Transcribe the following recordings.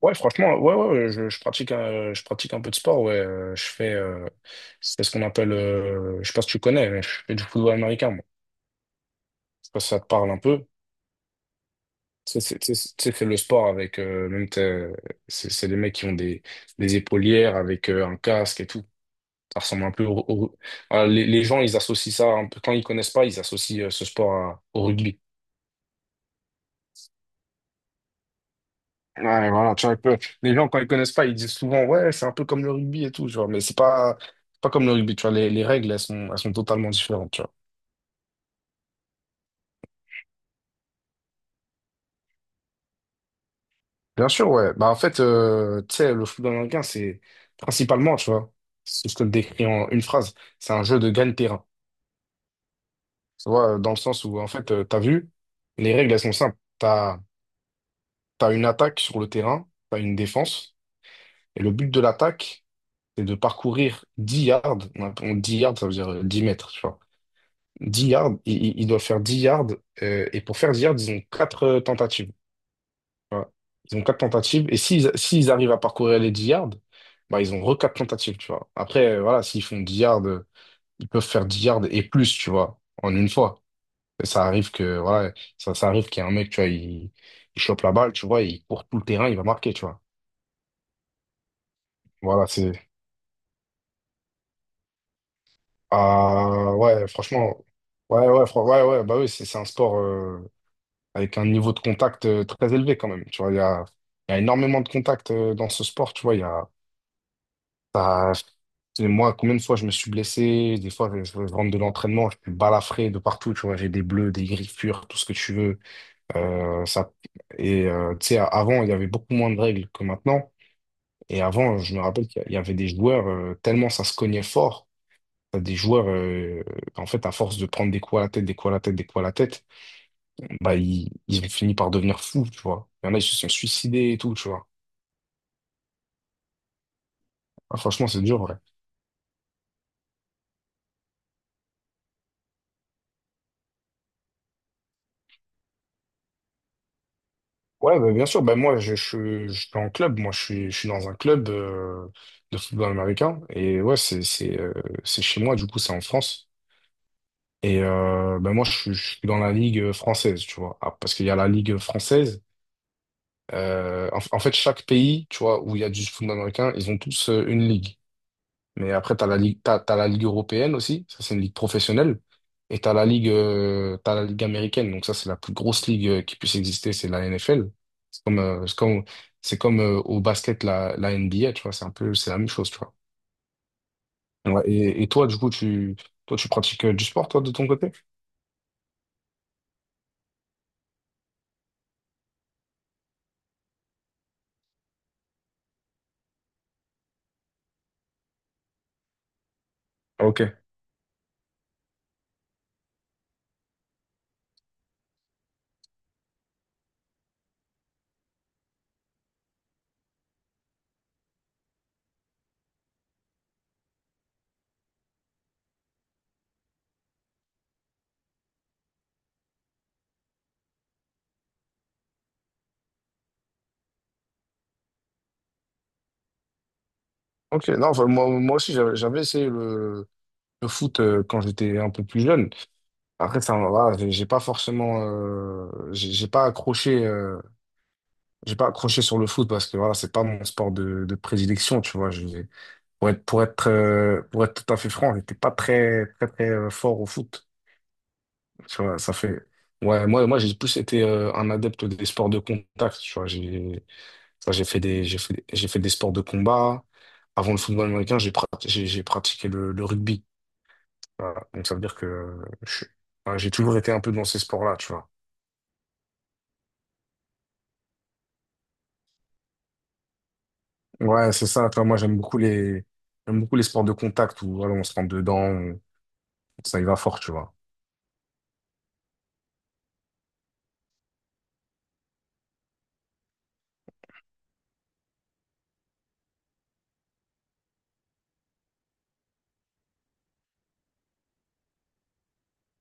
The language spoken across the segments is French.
Ouais, franchement, ouais, ouais, ouais, je pratique, je pratique un peu de sport, ouais. Je fais, c'est ce qu'on appelle, je sais pas si tu connais, mais je fais du football américain, moi. Je sais pas si ça te parle un peu. Tu sais, c'est le sport avec, c'est des mecs qui ont des épaulières avec un casque et tout. Ça ressemble un peu les gens, ils associent ça un peu, quand ils connaissent pas, ils associent ce sport au rugby. Ouais, voilà, tu vois, un peu. Les gens, quand ils connaissent pas, ils disent souvent, ouais, c'est un peu comme le rugby et tout, genre, mais c'est pas comme le rugby, tu vois, les règles, elles sont totalement différentes, tu vois. Bien sûr, ouais. Bah, en fait, tu sais, le football américain, c'est principalement, tu vois, si je te le décris en une phrase, c'est un jeu de gagne-terrain. Tu vois, dans le sens où, en fait, t'as vu, les règles, elles sont simples. T'as, t'as une attaque sur le terrain, t'as une défense, et le but de l'attaque, c'est de parcourir 10 yards. 10 yards, ça veut dire 10 mètres, tu vois. 10 yards, ils doivent faire 10 yards. Et pour faire 10 yards, ils ont 4 tentatives. Voilà. Ils ont 4 tentatives. Et s'ils arrivent à parcourir les 10 yards, bah, ils ont re 4 tentatives, tu vois. Après, voilà, s'ils font 10 yards, ils peuvent faire 10 yards et plus, tu vois, en une fois. Et ça arrive que, voilà, ça arrive qu'il y a un mec, tu vois, il chope la balle, tu vois, il court tout le terrain, il va marquer, tu vois. Voilà, c'est... Ah, ouais, franchement... Ouais, ouais, ouais, ouais, bah oui, c'est un sport... avec un niveau de contact très élevé quand même. Tu vois, il y a énormément de contacts dans ce sport. Tu vois, il y a, t'as- et moi, combien de fois je me suis blessé, des fois je rentre de l'entraînement, je suis balafré de partout, tu vois, j'ai des bleus, des griffures, tout ce que tu veux. Ça... Et tu sais, avant, il y avait beaucoup moins de règles que maintenant. Et avant, je me rappelle qu'il y avait des joueurs, tellement ça se cognait fort, t'as des joueurs, en fait, à force de prendre des coups à la tête, des coups à la tête, des coups à la tête, bah, ils ont fini par devenir fous, tu vois. Il y en a, ils se sont suicidés et tout, tu vois. Ah, franchement, c'est dur, ouais. Ouais, bah, bien sûr, bah, moi, je suis en club, moi, je suis dans un club de football américain, et ouais, c'est, c'est chez moi, du coup, c'est en France. Et bah, moi, je suis dans la ligue française, tu vois. Ah, parce qu'il y a la ligue française. En fait, chaque pays, tu vois, où il y a du football américain, ils ont tous une ligue. Mais après, t'as la ligue européenne aussi. Ça, c'est une ligue professionnelle. Et t'as la ligue américaine. Donc ça, c'est la plus grosse ligue qui puisse exister. C'est la NFL. C'est comme, euh, c'est comme, c'est comme au basket la NBA. Tu vois, c'est un peu, c'est la même chose. Tu vois. Ouais, et toi, du coup, toi, tu pratiques du sport, toi, de ton côté? Ok. Ok. Non, enfin, moi, moi aussi, j'avais essayé le foot quand j'étais un peu plus jeune. Après, ça, voilà, j'ai pas forcément, j'ai pas accroché. J'ai pas accroché sur le foot parce que voilà, c'est pas mon sport de prédilection, tu vois. Je, pour être tout à fait franc, j'étais pas très, très, très fort au foot. Tu vois, ça fait. Ouais, moi, moi, j'ai plus été un adepte des sports de contact, tu vois. J'ai, ça, j'ai fait des sports de combat. Avant le football américain, j'ai pratiqué le rugby. Voilà. Donc, ça veut dire que ouais, j'ai toujours été un peu dans ces sports-là, tu vois. Ouais, c'est ça. Toi, moi, j'aime beaucoup les sports de contact où voilà, on se rentre dedans. Ça y va fort, tu vois.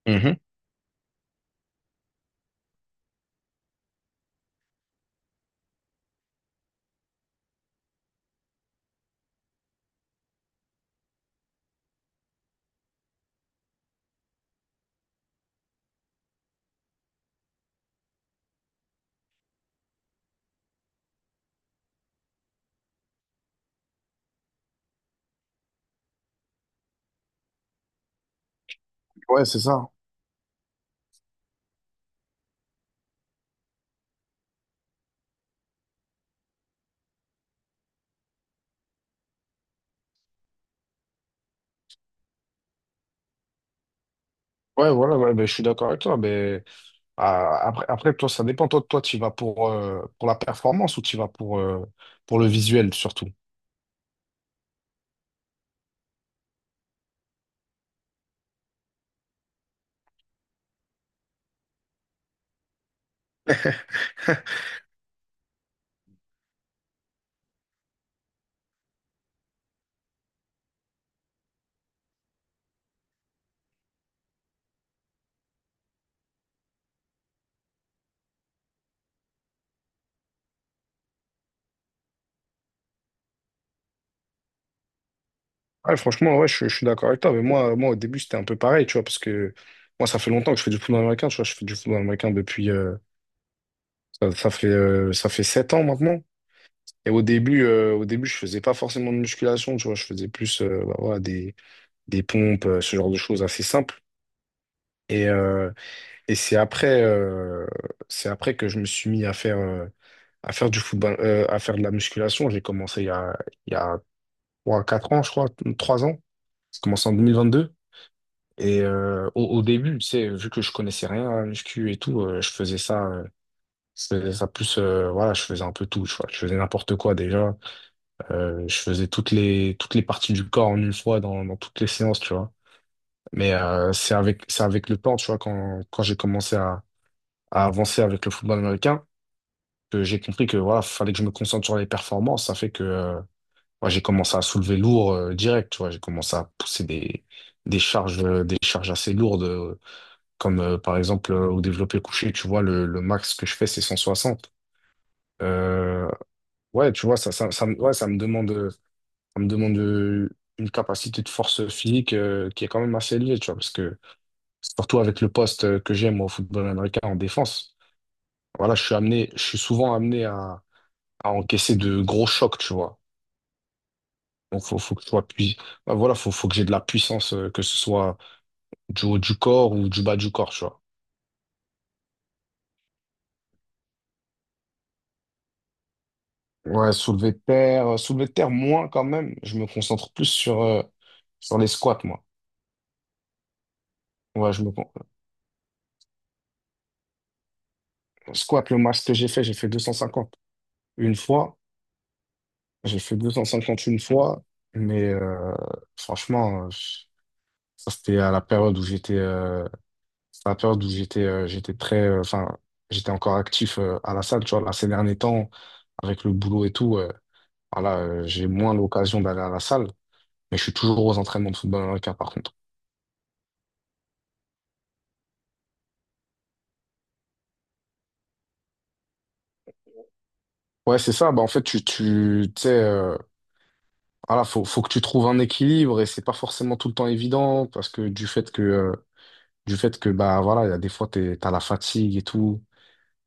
Mhm. Ouais, c'est ça. Ouais, voilà, ouais, ben, je suis d'accord avec toi. Mais ah, après, après, toi, ça dépend. Toi, tu y vas pour la performance ou tu y vas pour le visuel surtout? Ouais, franchement, ouais, je suis d'accord avec toi. Mais moi, moi, au début, c'était un peu pareil, tu vois, parce que moi, ça fait longtemps que je fais du football américain. Tu vois, je fais du football américain depuis. Ça, ça fait 7 ans maintenant. Et au début, je faisais pas forcément de musculation, tu vois, je faisais plus bah, voilà, des pompes, ce genre de choses assez simples. Et, euh, Et c'est après que je me suis mis à faire, à faire de la musculation. J'ai commencé il y a trois quatre ans, je crois, 3 ans. J'ai commencé en 2022. Et au début, tu sais, vu que je connaissais rien à la muscu et tout, je faisais ça plus, voilà, je faisais un peu tout, je faisais n'importe quoi déjà. Je faisais toutes les parties du corps en une fois dans toutes les séances, tu vois. Mais c'est avec le temps, tu vois, quand j'ai commencé à avancer avec le football américain. Que j'ai compris que voilà, fallait que je me concentre sur les performances. Ça fait que moi, j'ai commencé à soulever lourd direct, tu vois. J'ai commencé à pousser des charges, des charges assez lourdes, comme par exemple au développé couché, tu vois, le max que je fais, c'est 160. Euh, ouais, tu vois, ça me demande une capacité de force physique qui est quand même assez élevée, tu vois, parce que surtout avec le poste que j'aime au football américain en défense, voilà, je suis souvent amené à encaisser de gros chocs, tu vois. Donc, faut que je sois pui- bah, voilà, faut que j'ai de la puissance, que ce soit du haut du corps ou du bas du corps, tu vois. Ouais, soulever de terre moins quand même. Je me concentre plus sur, sur les squats, moi. Ouais, squat, le max que j'ai fait 250 une fois. J'ai fait 250 une fois, mais franchement, ça c'était à la période où j'étais, j'étais très, enfin, j'étais encore actif à la salle, tu vois. Là, ces derniers temps, avec le boulot et tout. Voilà, j'ai moins l'occasion d'aller à la salle, mais je suis toujours aux entraînements de football américain par contre. Ouais, c'est ça. Bah, en fait, tu sais, voilà, faut que tu trouves un équilibre et c'est pas forcément tout le temps évident parce que du fait que, bah, voilà, il y a des fois, t'as la fatigue et tout.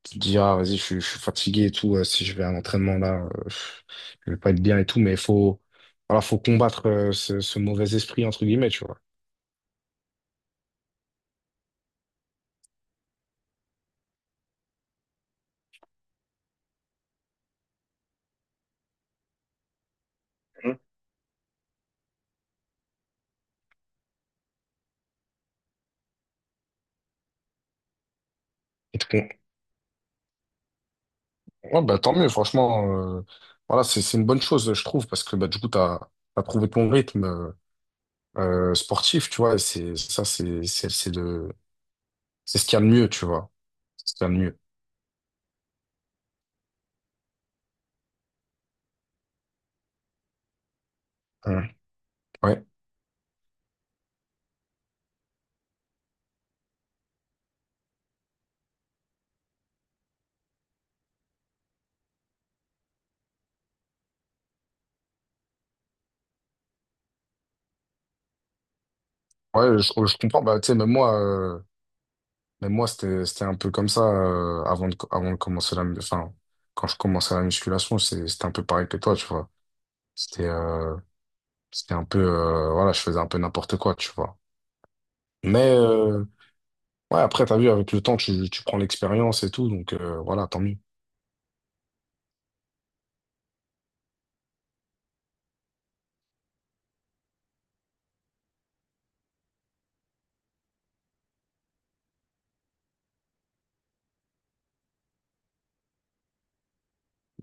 Tu te dis, ah, vas-y, je suis fatigué et tout. Si je vais à un entraînement là, je vais pas être bien et tout, mais il faut, voilà, faut combattre, ce mauvais esprit, entre guillemets, tu vois. Mhm. Et te, con- Ouais, bah, tant mieux, franchement. euh, voilà, c'est une bonne chose, je trouve, parce que bah, du coup, tu as, trouvé ton rythme sportif, tu vois, et c'est ça, c'est ce qu'il y a de mieux, tu vois. C'est ce qu'il y a de mieux. Ouais, ouais. Ouais, oh, je comprends. Bah, tu sais, même moi c'était un peu comme ça avant de commencer la... Enfin, quand je commençais la musculation, c'était un peu pareil que toi, tu vois. C'était c'était un peu... voilà, je faisais un peu n'importe quoi, tu vois. Mais... euh, Ouais, après, t'as vu, avec le temps, tu prends l'expérience et tout, donc voilà, tant mieux.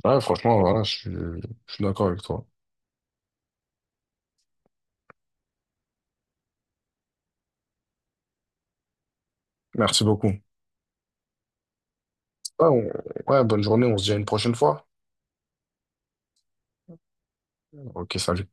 Ouais, franchement, voilà, je suis d'accord avec toi. Merci beaucoup. Ouais, on- ouais, bonne journée, on se dit à une prochaine fois. Ok, salut.